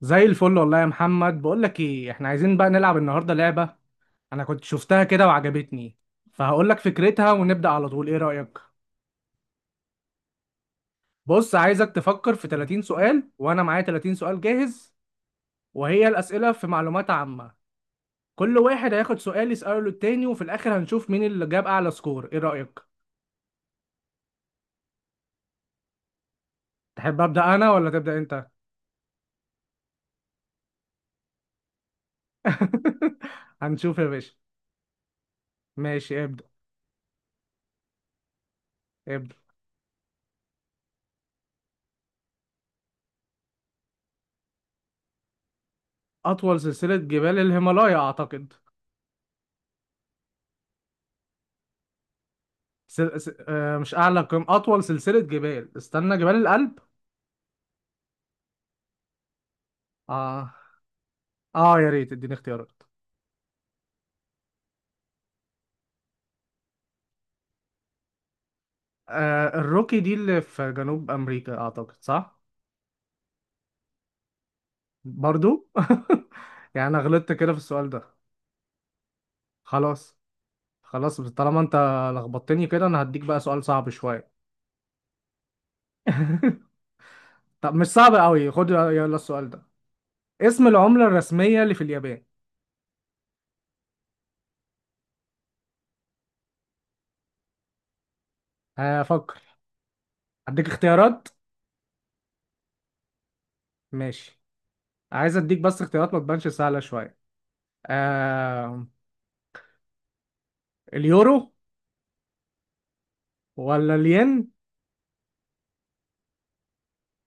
زي الفل والله يا محمد، بقول لك ايه، احنا عايزين بقى نلعب النهارده لعبه. انا كنت شفتها كده وعجبتني. فهقول لك فكرتها ونبدا على طول، ايه رايك؟ بص، عايزك تفكر في 30 سؤال، وانا معايا 30 سؤال جاهز. وهي الاسئله في معلومات عامه. كل واحد هياخد سؤال يساله للتاني، وفي الاخر هنشوف مين اللي جاب اعلى سكور، ايه رايك؟ تحب ابدا انا ولا تبدا انت؟ هنشوف يا باشا. ماشي ابدا. ابدا. اطول سلسله جبال الهيمالايا اعتقد. سل... س... آه مش اعلى قمة، اطول سلسلة جبال، استنى، جبال الألب. اه اه، يا ريت اديني اختيارات. آه الروكي دي اللي في جنوب امريكا اعتقد، صح؟ برضو يعني انا غلطت كده في السؤال ده. خلاص خلاص، طالما انت لخبطتني كده انا هديك بقى سؤال صعب شوية. طب مش صعب قوي، خد يلا السؤال ده. اسم العملة الرسمية اللي في اليابان؟ هفكر. اديك اختيارات. ماشي. عايز اديك بس اختيارات ما تبانش سهلة شوية. آه... اليورو، ولا الين،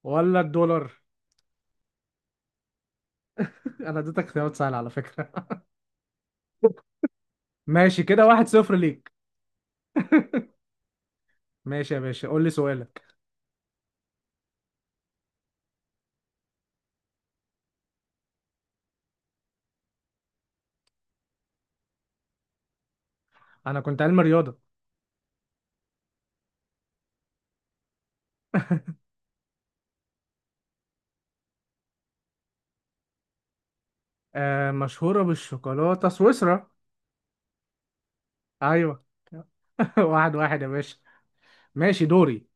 ولا الدولار. انا اديتك اختيارات سهله على فكره. ماشي كده، واحد صفر ليك. ماشي يا باشا، قول لي سؤالك. انا كنت علم رياضه. آه مشهوره بالشوكولاته، سويسرا. ايوه واحد واحد يا باشا. ماشي دوري.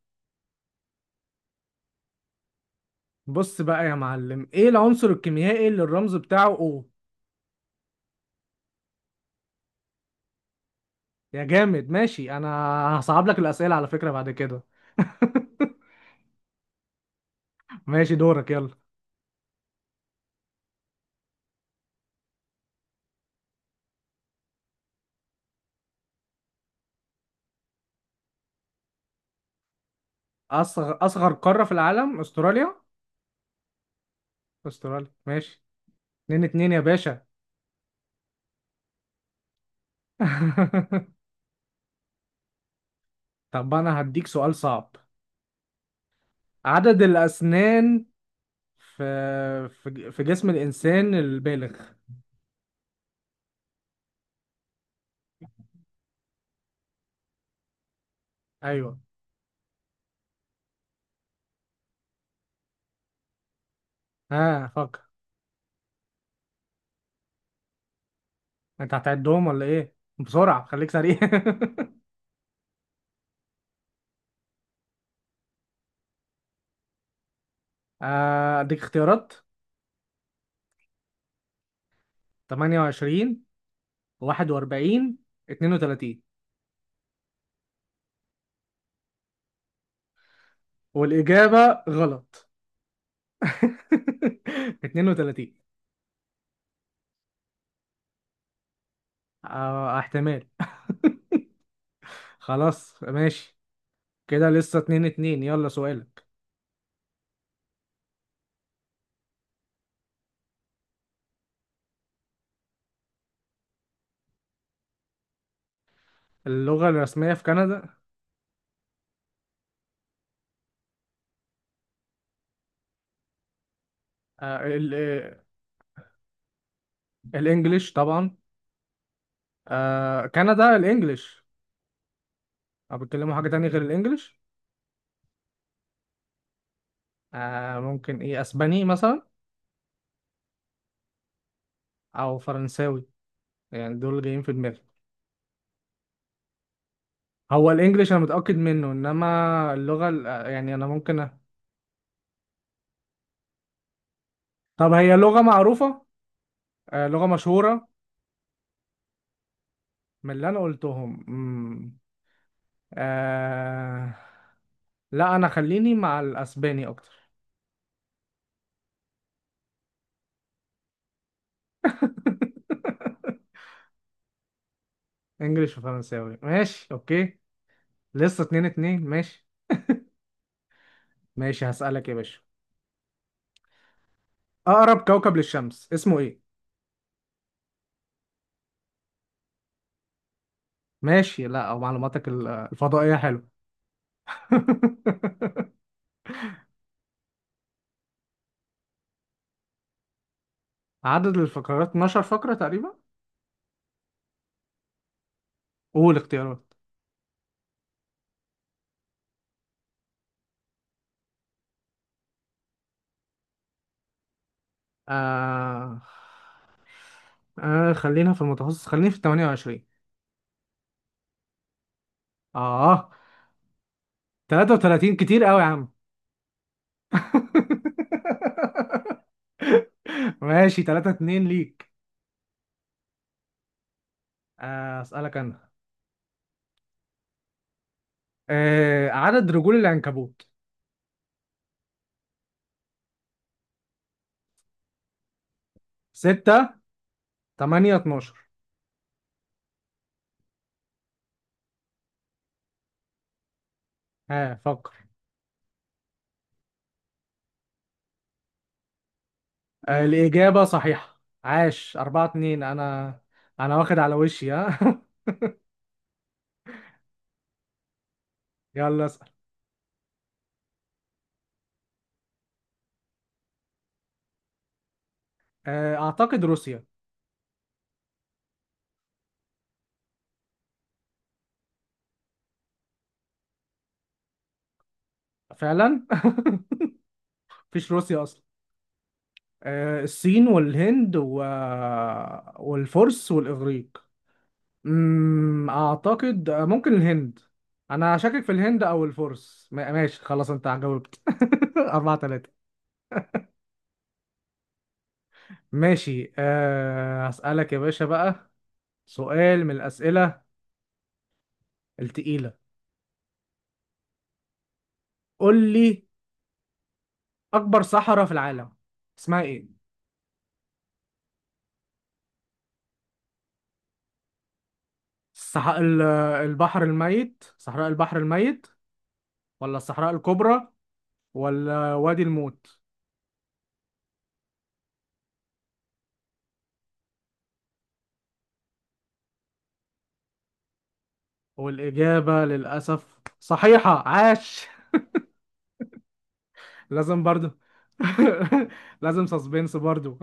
بص بقى يا معلم، ايه العنصر الكيميائي اللي الرمز بتاعه او. يا جامد ماشي، انا هصعب لك الاسئله على فكره بعد كده. ماشي دورك يلا. اصغر اصغر قاره في العالم استراليا. استراليا ماشي. اتنين اتنين يا باشا. طب انا هديك سؤال صعب. عدد الاسنان في في جسم الانسان البالغ. ايوه. ها فكر. انت هتعدهم ولا ايه؟ بسرعه، خليك سريع. اديك اختيارات. 28، 41، 32. والاجابه غلط. 32. آه احتمال. خلاص ماشي. كده لسه اتنين اتنين. يلا سؤالك. اللغة الرسمية في كندا. آه، ال- آه، الانجليش طبعا. آه كندا الانجليش. او بيتكلموا حاجه تانية غير الانجليش؟ ممكن ايه، اسباني مثلا، او فرنساوي. يعني دول اللي جايين في دماغي. هو الانجليش انا متاكد منه، انما اللغه يعني انا ممكن طب هي لغه معروفه. لغه مشهوره. من اللي انا قلتهم. آه... لا، انا خليني مع الاسباني اكتر. انجليش وفرنساوي، ماشي اوكي. لسه اتنين اتنين ماشي. ماشي هسألك يا باشا. اقرب كوكب للشمس اسمه ايه؟ ماشي. لا، او معلوماتك الفضائية حلو. عدد الفقرات 12 فقرة تقريبا. قول اختيارات. آه... خلينا في المتوسط، خليني في 28. اه، 33 كتير قوي يا عم. ماشي 3-2 ليك. اسألك انا. عدد رجول العنكبوت. 6، 8، 12. ها فكر. الإجابة صحيحة، عاش. أربعة اتنين أنا. أنا واخد على وشي، ها يلا اسأل. أعتقد روسيا. فعلا. مفيش روسيا أصلا. الصين والهند والفرس والإغريق. أعتقد ممكن الهند. أنا شاكك في الهند أو الفرس، ماشي خلاص، أنت جاوبت. أربعة تلاتة. ماشي. هسألك يا باشا بقى. سؤال من الأسئلة التقيلة. قول لي، اكبر صحراء في العالم اسمها ايه؟ الصح... ال- البحر الميت، صحراء البحر الميت، ولا الصحراء الكبرى، ولا وادي الموت. والاجابه للاسف صحيحه، عاش. لازم برضو. لازم سسبنس برضو.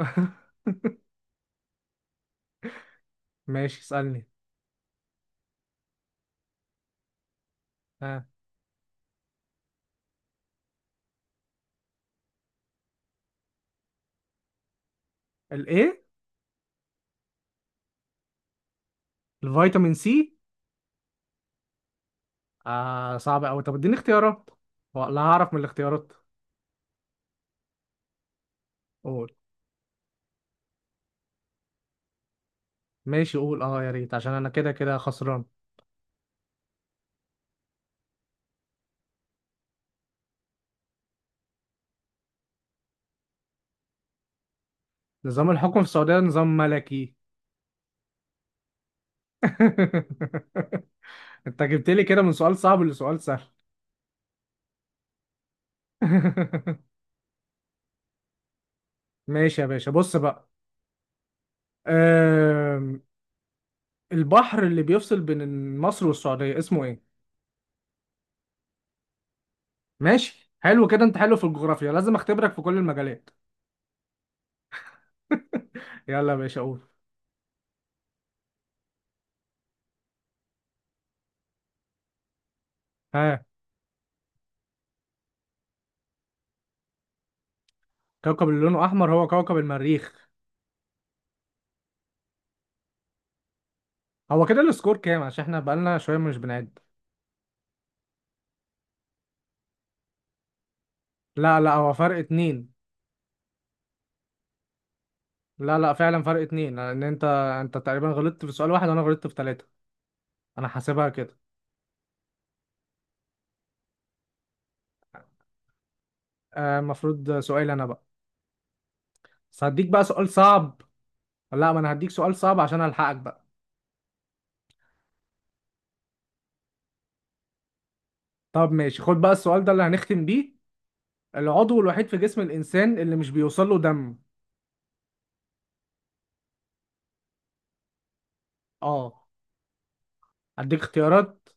ماشي اسالني. ها. الايه؟ الفيتامين سي؟ آه صعب قوي. طب اديني اختيارات ولا هعرف من الاختيارات. قول. ماشي قول، يا ريت، عشان انا كده كده خسران. نظام الحكم في السعوديه نظام ملكي. انت جبت لي كده من سؤال صعب لسؤال سهل. ماشي يا باشا، بص بقى. أم... البحر اللي بيفصل بين مصر والسعودية اسمه ايه؟ ماشي حلو كده، انت حلو في الجغرافيا. لازم اختبرك في كل المجالات. يلا يا باشا قول. ها. كوكب اللي لونه احمر هو كوكب المريخ. هو كده السكور كام؟ عشان احنا بقالنا شويه مش بنعد. لا لا، هو فرق اتنين. لا لا فعلا، فرق اتنين، لان انت تقريبا غلطت في سؤال واحد، وانا غلطت في ثلاثه. انا حاسبها كده. المفروض سؤال انا بقى، بس هديك بقى سؤال صعب. لا، ما انا هديك سؤال صعب عشان الحقك بقى. طب ماشي، خد بقى السؤال ده اللي هنختم بيه. العضو الوحيد في جسم الانسان اللي مش بيوصل له دم؟ اه. هديك اختيارات.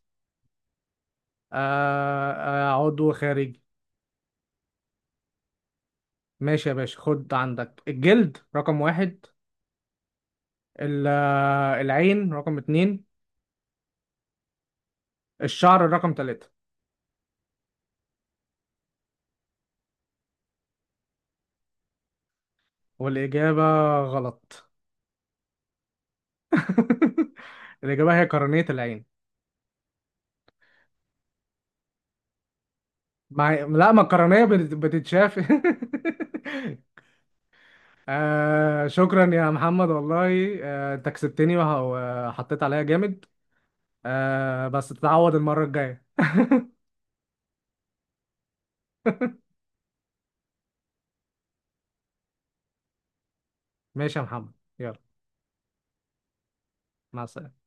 آه آه، عضو خارجي. ماشي يا باشا، خد عندك الجلد رقم واحد، العين رقم اتنين، الشعر رقم تلاتة. والإجابة غلط. الإجابة هي قرنية العين. لا، مكرونية بتتشاف. آه شكرا يا محمد والله، آه انت كسبتني وحطيت عليا جامد. آه بس تتعوض المرة الجاية. ماشي يا محمد. يلا. مع السلامة.